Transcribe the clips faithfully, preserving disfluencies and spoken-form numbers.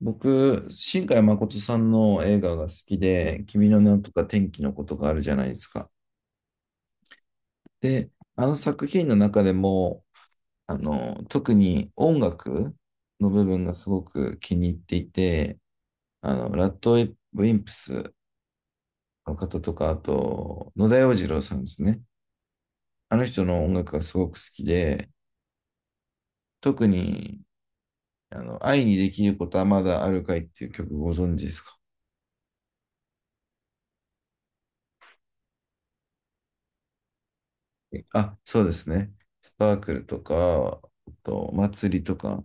僕、新海誠さんの映画が好きで、君の名とか天気のことがあるじゃないですか。で、あの作品の中でも、あの、特に音楽の部分がすごく気に入っていて、あの、ラッドウィンプスの方とか、あと、野田洋次郎さんですね。あの人の音楽がすごく好きで、特に、あの、愛にできることはまだあるかいっていう曲ご存知ですか？あ、そうですね。スパークルとか、あと、祭りとか、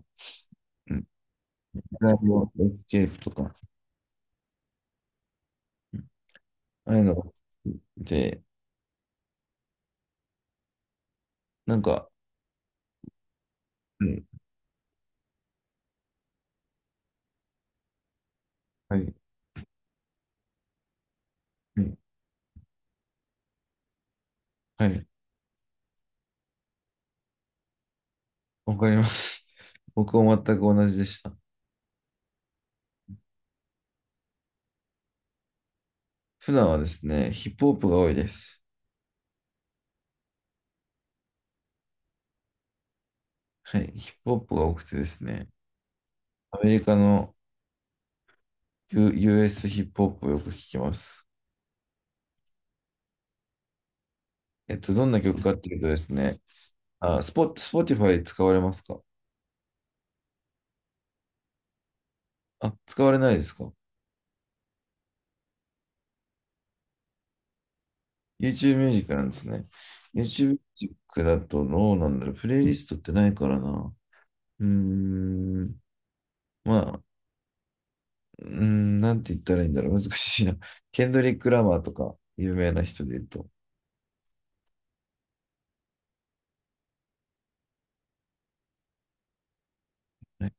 うん、ライブエスケープとか、うん、ああいうのが好きで、なんか、うん、はい、うん、はい、わかります。僕も全く同じでした。普段はですね、ヒップホップが多いです。はい、ヒップホップが多くてですね、アメリカの、U、ユーエス ヒップホップをよく聞きます。えっと、どんな曲かっていうとですね、あ、スポ、スポティファイ使われますか？あ、使われないですか？ YouTube ミュージックなんですね。YouTube ミュージックだとどうなんだろう。プレイリストってないからな。うーん。まあ、うーん、なんて言ったらいいんだろう。難しいな。ケンドリック・ラマーとか、有名な人で言うと。はい、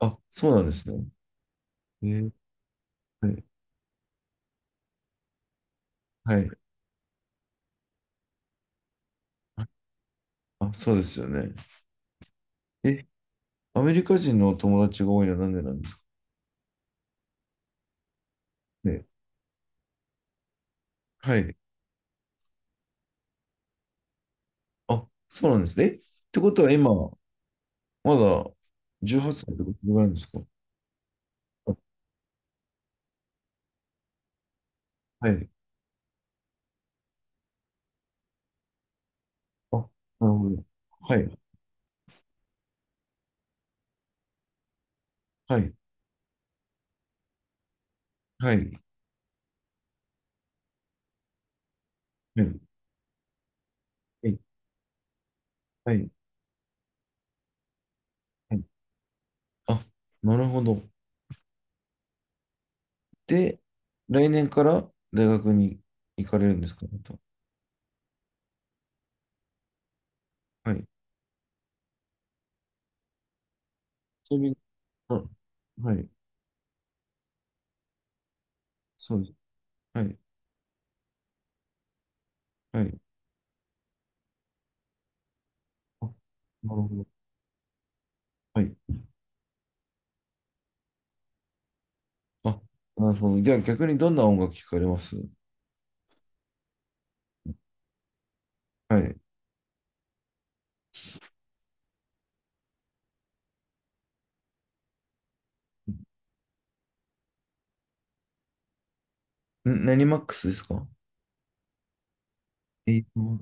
あ、そうなんですね。えー、はい。はい、あ、そうですよね。え、アメリカ人のお友達が多いのはなんでなんですか？ね。はい。あ、そうなんですね。え、ってことは今、まだじゅうはっさいってことかそれぐらいなんですか？あ、はい。あ、なるほど。はい。はい、はい、はい、はい、はい。はい、あ、なるほど。で、来年から大学に行かれるんですか、また。はい。ちなみに、あ、はい、そうです。はい、はい。あ、なるほど。はい。あ、なるほど。じゃあ逆にどんな音楽聞かれます？はい。ん、何マックスですか？えっと、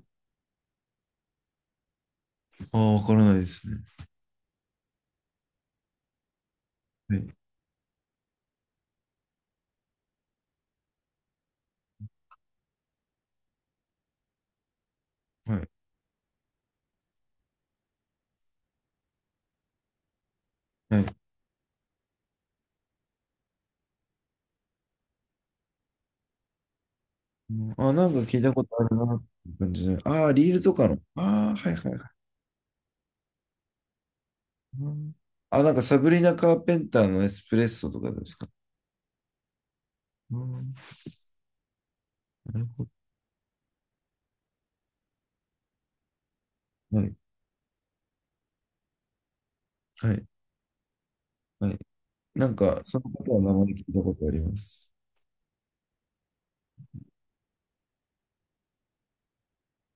ああ、わからないですね。はい、はい、はい。あ、なんか聞いたことあるなっていう感じで。ああ、リールとかの。ああ、はいはい、うん。あ、なんかサブリナ・カーペンターのエスプレッソとかですか。うん。なるほど。はい、はい、はい。なんか、その方は名前聞いたことあります。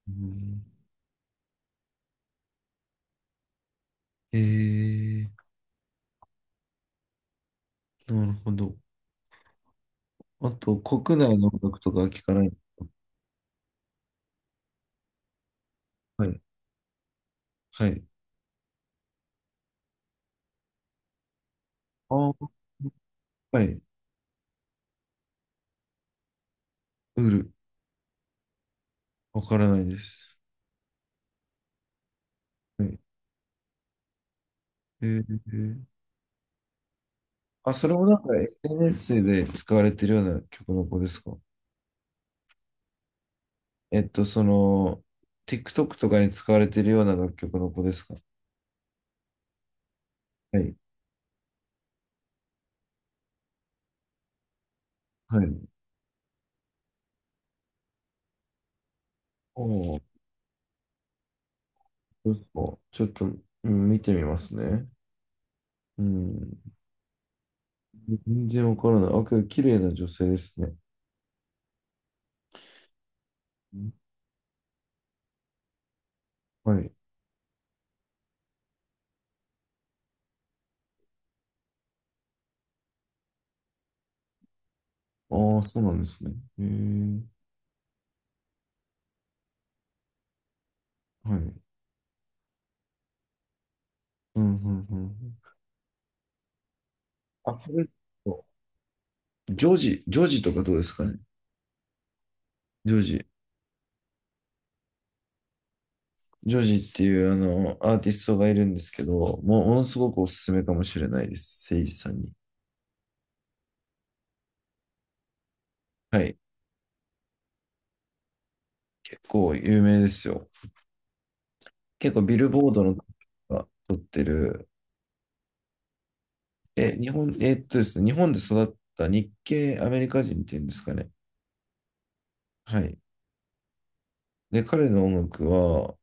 うん。えー、なるほど。あと、国内の音楽とかは聞かない。はい、はい。あー、はい。ウール、わからないです。はい。えー、あ、それもなんか エスエヌエス で使われてるような曲の子ですか？えっと、その、ティックトック とかに使われてるような楽曲の子ですか？はい。はい。おお、そうですか。ちょっと、うん、見てみますね。うん。全然わからない。あ、けど、綺麗な女性ですね。うん、はい。ああ、そうなんですね。へえ。はい。うん、うん、うん。あ、それと、ジョージ、ジョージとかどうですかね。ジョージ。ジョージっていう、あの、アーティストがいるんですけど、もう、ものすごくおすすめかもしれないです。セイジさんに。はい。結構有名ですよ。結構ビルボードのが撮ってる。え、日本、えーっとですね、日本で育った日系アメリカ人っていうんですかね。はい。で、彼の音楽は、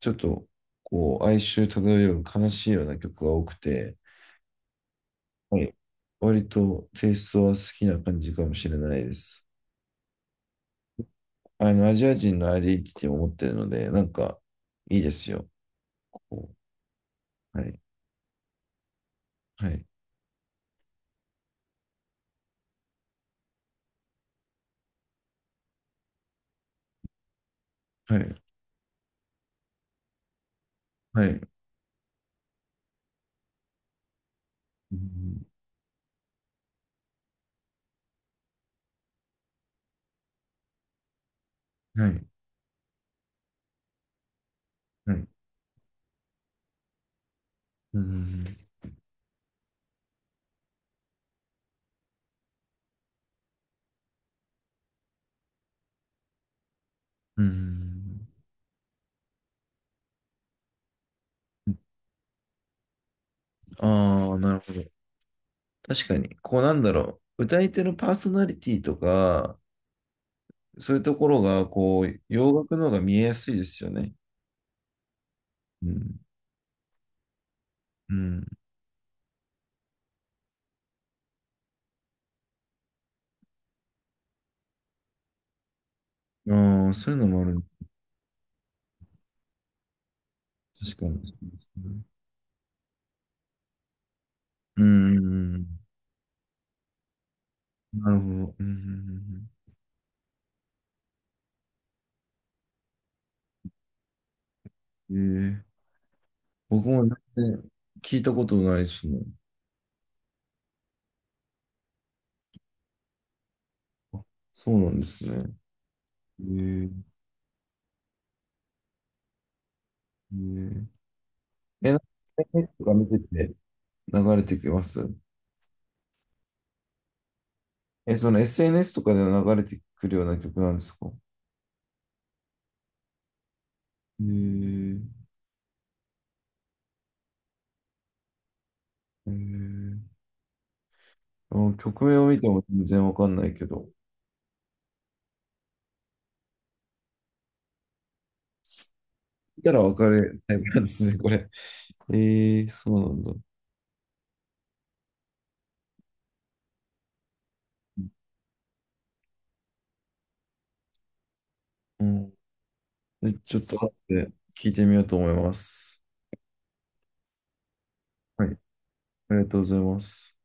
ちょっと、こう、哀愁漂う悲しいような曲が多くて、はい。割とテイストは好きな感じかもしれないです。あの、アジア人のアイデンティティを持ってるので、なんか、いいですよ。こう、はい。はい。はい。はい。うん、はい。はい。うん。うん。ああ、なるほど。確かに、こうなんだろう、歌い手のパーソナリティとか、そういうところが、こう、洋楽の方が見えやすいですよね。うん。うん。ああ、そういうのもある。確かに。そうですね。うん。うん、なるほど。うん。うんうん、ええー、僕も全然聞いたことないですね。あ、そうなんですね。え、ええー、え、なんか エスエヌエス とか見てて流れてきます？え、その エスエヌエス とかで流れてくるような曲なんですか？えええー、あ、曲名を見ても全然わかんないけど、見たらわかるタイプなんですね、これ。えー、そうなんだ。うん。でちょっと後で聞いてみようと思います。はい、ありがとうございます。